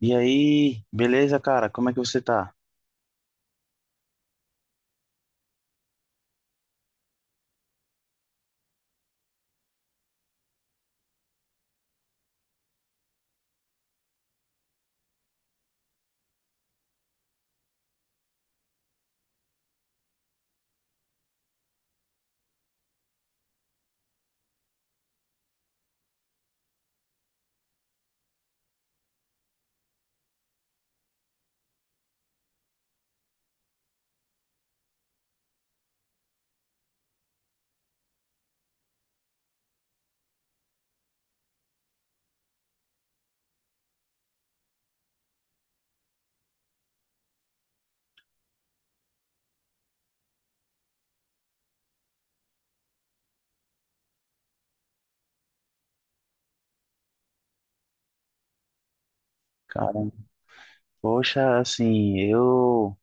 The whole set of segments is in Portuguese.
E aí, beleza, cara? Como é que você tá? Cara, poxa, assim, eu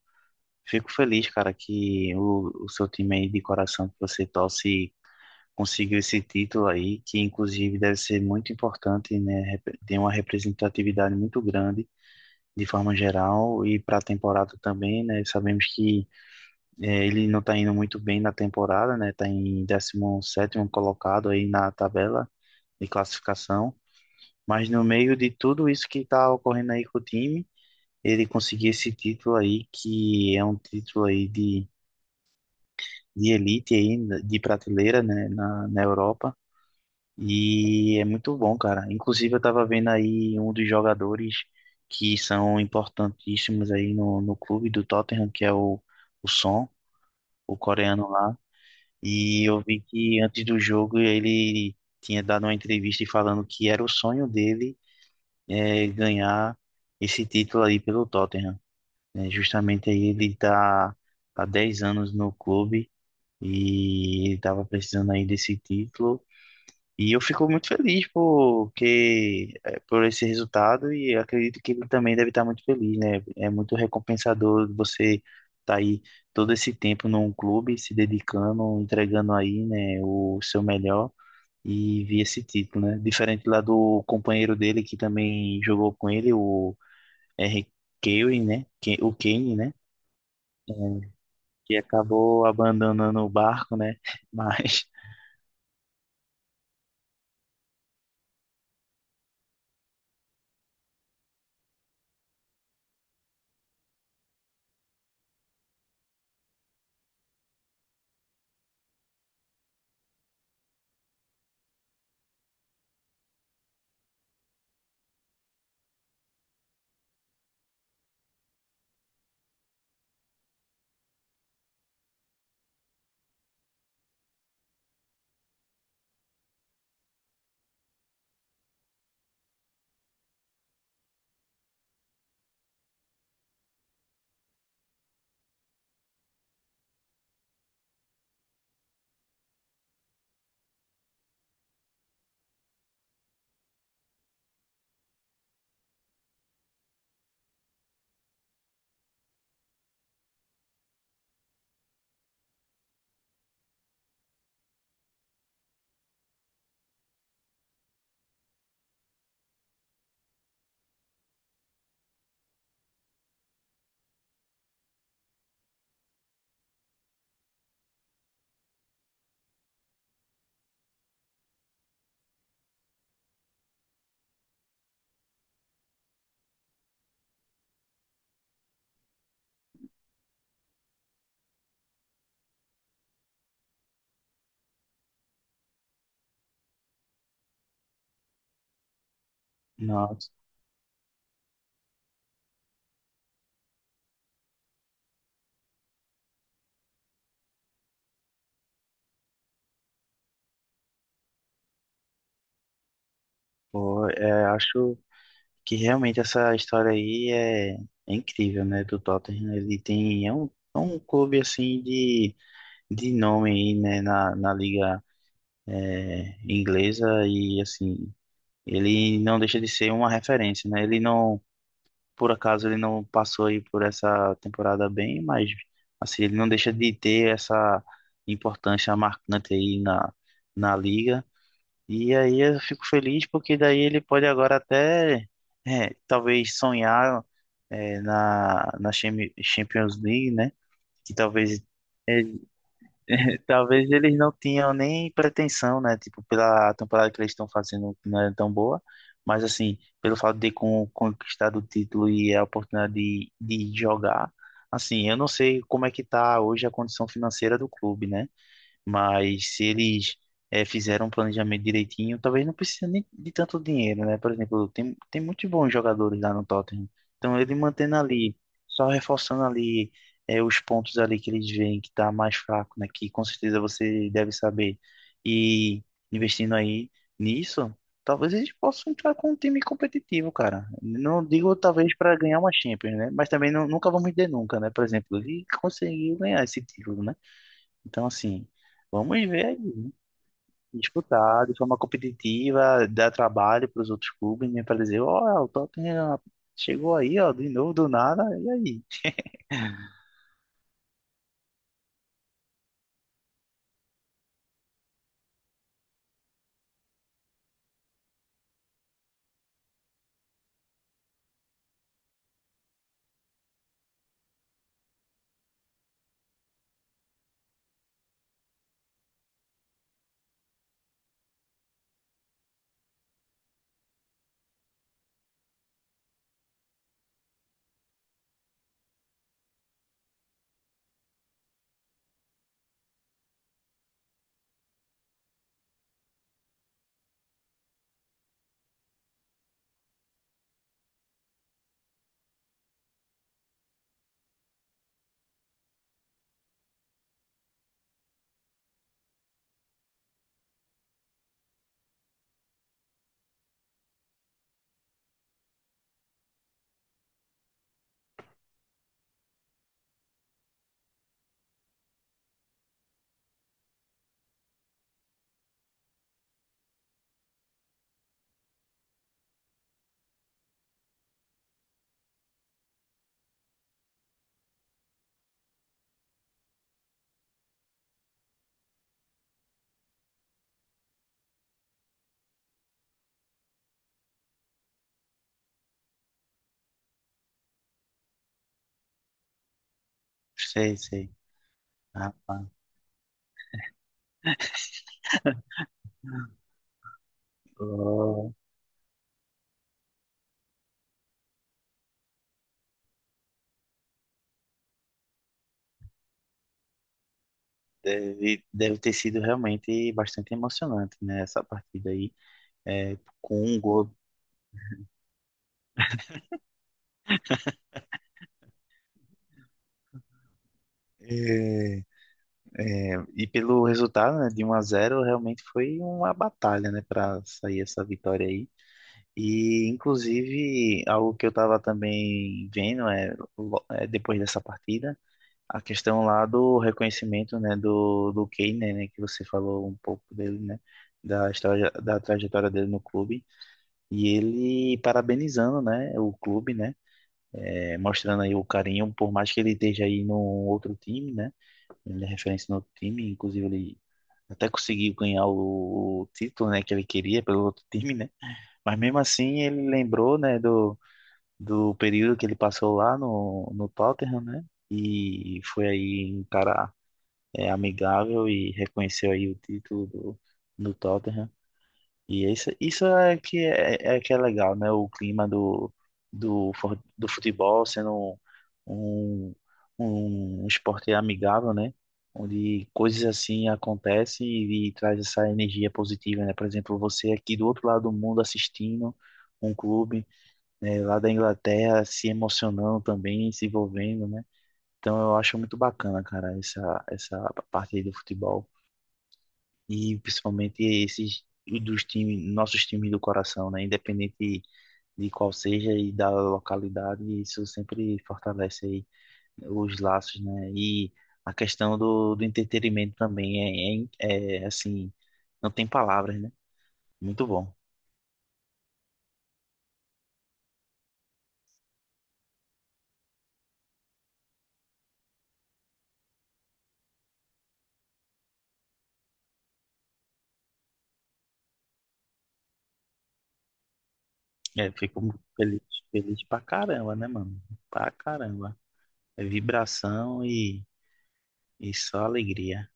fico feliz, cara, que o seu time aí de coração que você torce conseguiu esse título aí, que inclusive deve ser muito importante, né? Tem uma representatividade muito grande, de forma geral, e para a temporada também, né? Sabemos que ele não tá indo muito bem na temporada, né? Tá em 17º colocado aí na tabela de classificação. Mas no meio de tudo isso que está ocorrendo aí com o time, ele conseguiu esse título aí, que é um título aí de elite aí, de prateleira, né, na Europa. E é muito bom, cara. Inclusive, eu estava vendo aí um dos jogadores que são importantíssimos aí no clube do Tottenham, que é o Son, o coreano lá. E eu vi que antes do jogo ele tinha dado uma entrevista falando que era o sonho dele é, ganhar esse título aí pelo Tottenham. É, justamente aí ele está há 10 anos no clube e ele tava precisando aí desse título. E eu fico muito feliz porque, é, por esse resultado e acredito que ele também deve estar muito feliz, né? É muito recompensador você estar aí todo esse tempo num clube, se dedicando, entregando aí, né, o seu melhor e vi esse título, né? Diferente lá do companheiro dele que também jogou com ele, o R. Kelly, né? O Kane, né? É, que acabou abandonando o barco, né? Mas, nossa, pô, é, acho que realmente essa história aí é incrível, né? Do Tottenham. Ele tem, é um clube assim de nome aí, né? Na liga é, inglesa e assim, ele não deixa de ser uma referência, né? Ele não por acaso ele não passou aí por essa temporada bem, mas assim, ele não deixa de ter essa importância marcante aí na liga. E aí eu fico feliz porque daí ele pode agora até é, talvez sonhar é, na Champions League, né? Que talvez é, Talvez eles não tinham nem pretensão, né? Tipo, pela temporada que eles estão fazendo, que não é tão boa. Mas, assim, pelo fato de conquistar o título e a oportunidade de jogar, assim, eu não sei como é que tá hoje a condição financeira do clube, né? Mas se eles fizeram um planejamento direitinho, talvez não precise nem de tanto dinheiro, né? Por exemplo, tem muitos bons jogadores lá no Tottenham. Então ele mantendo ali, só reforçando ali os pontos ali que eles veem que tá mais fraco, né? Que com certeza você deve saber. E investindo aí nisso, talvez eles possam entrar com um time competitivo, cara. Não digo talvez para ganhar uma Champions, né? Mas também não, nunca vamos dizer nunca, né? Por exemplo, ele conseguiu ganhar esse título, né? Então, assim, vamos ver aí, né? Disputar de forma competitiva, dar trabalho para os outros clubes, né? Para dizer, ó, o Tottenham chegou aí, ó, de novo, do nada, e aí? Sei, sei. Rapaz, ó, deve, deve ter sido realmente bastante emocionante, né? Essa partida aí, é, com um gol. É, é, e pelo resultado, né, de 1-0 realmente foi uma batalha, né, para sair essa vitória aí. E, inclusive, algo que eu estava também vendo é, é, depois dessa partida, a questão lá do reconhecimento, né, do Kane, né, que você falou um pouco dele, né, da história, da trajetória dele no clube, e ele parabenizando, né, o clube, né, é, mostrando aí o carinho, por mais que ele esteja aí num outro time, né, ele é referência no outro time, inclusive ele até conseguiu ganhar o título, né, que ele queria pelo outro time, né, mas mesmo assim ele lembrou, né, do do período que ele passou lá no Tottenham, né? E foi aí um cara é, amigável e reconheceu aí o título do, do Tottenham. E isso é que é, é é que é legal, né? O clima do, do, do futebol sendo um, um, um esporte amigável, né? Onde coisas assim acontecem e traz essa energia positiva, né? Por exemplo, você aqui do outro lado do mundo assistindo um clube né, lá da Inglaterra se emocionando também, se envolvendo, né? Então eu acho muito bacana, cara, essa parte aí do futebol. E principalmente esses dos times, nossos times do coração, né? Independente de qual seja e da localidade, isso sempre fortalece aí os laços, né? E a questão do, do entretenimento também é, é, é, assim, não tem palavras, né? Muito bom. É, fico feliz, feliz pra caramba, né, mano? Pra caramba. É vibração e só alegria.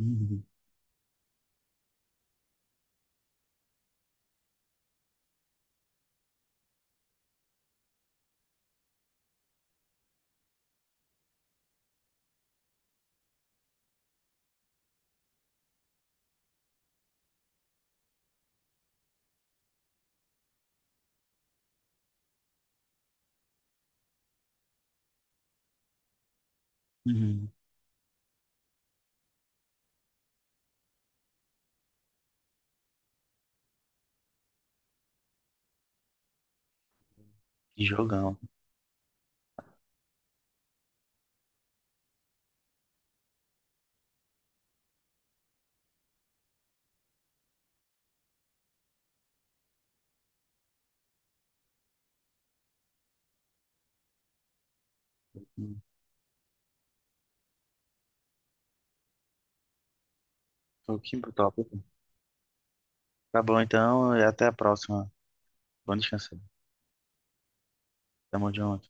Uhum. Uhum. Que jogão. Uhum. Pô, que top. Tá bom, então, e até a próxima. Bom descanso. Tamo junto.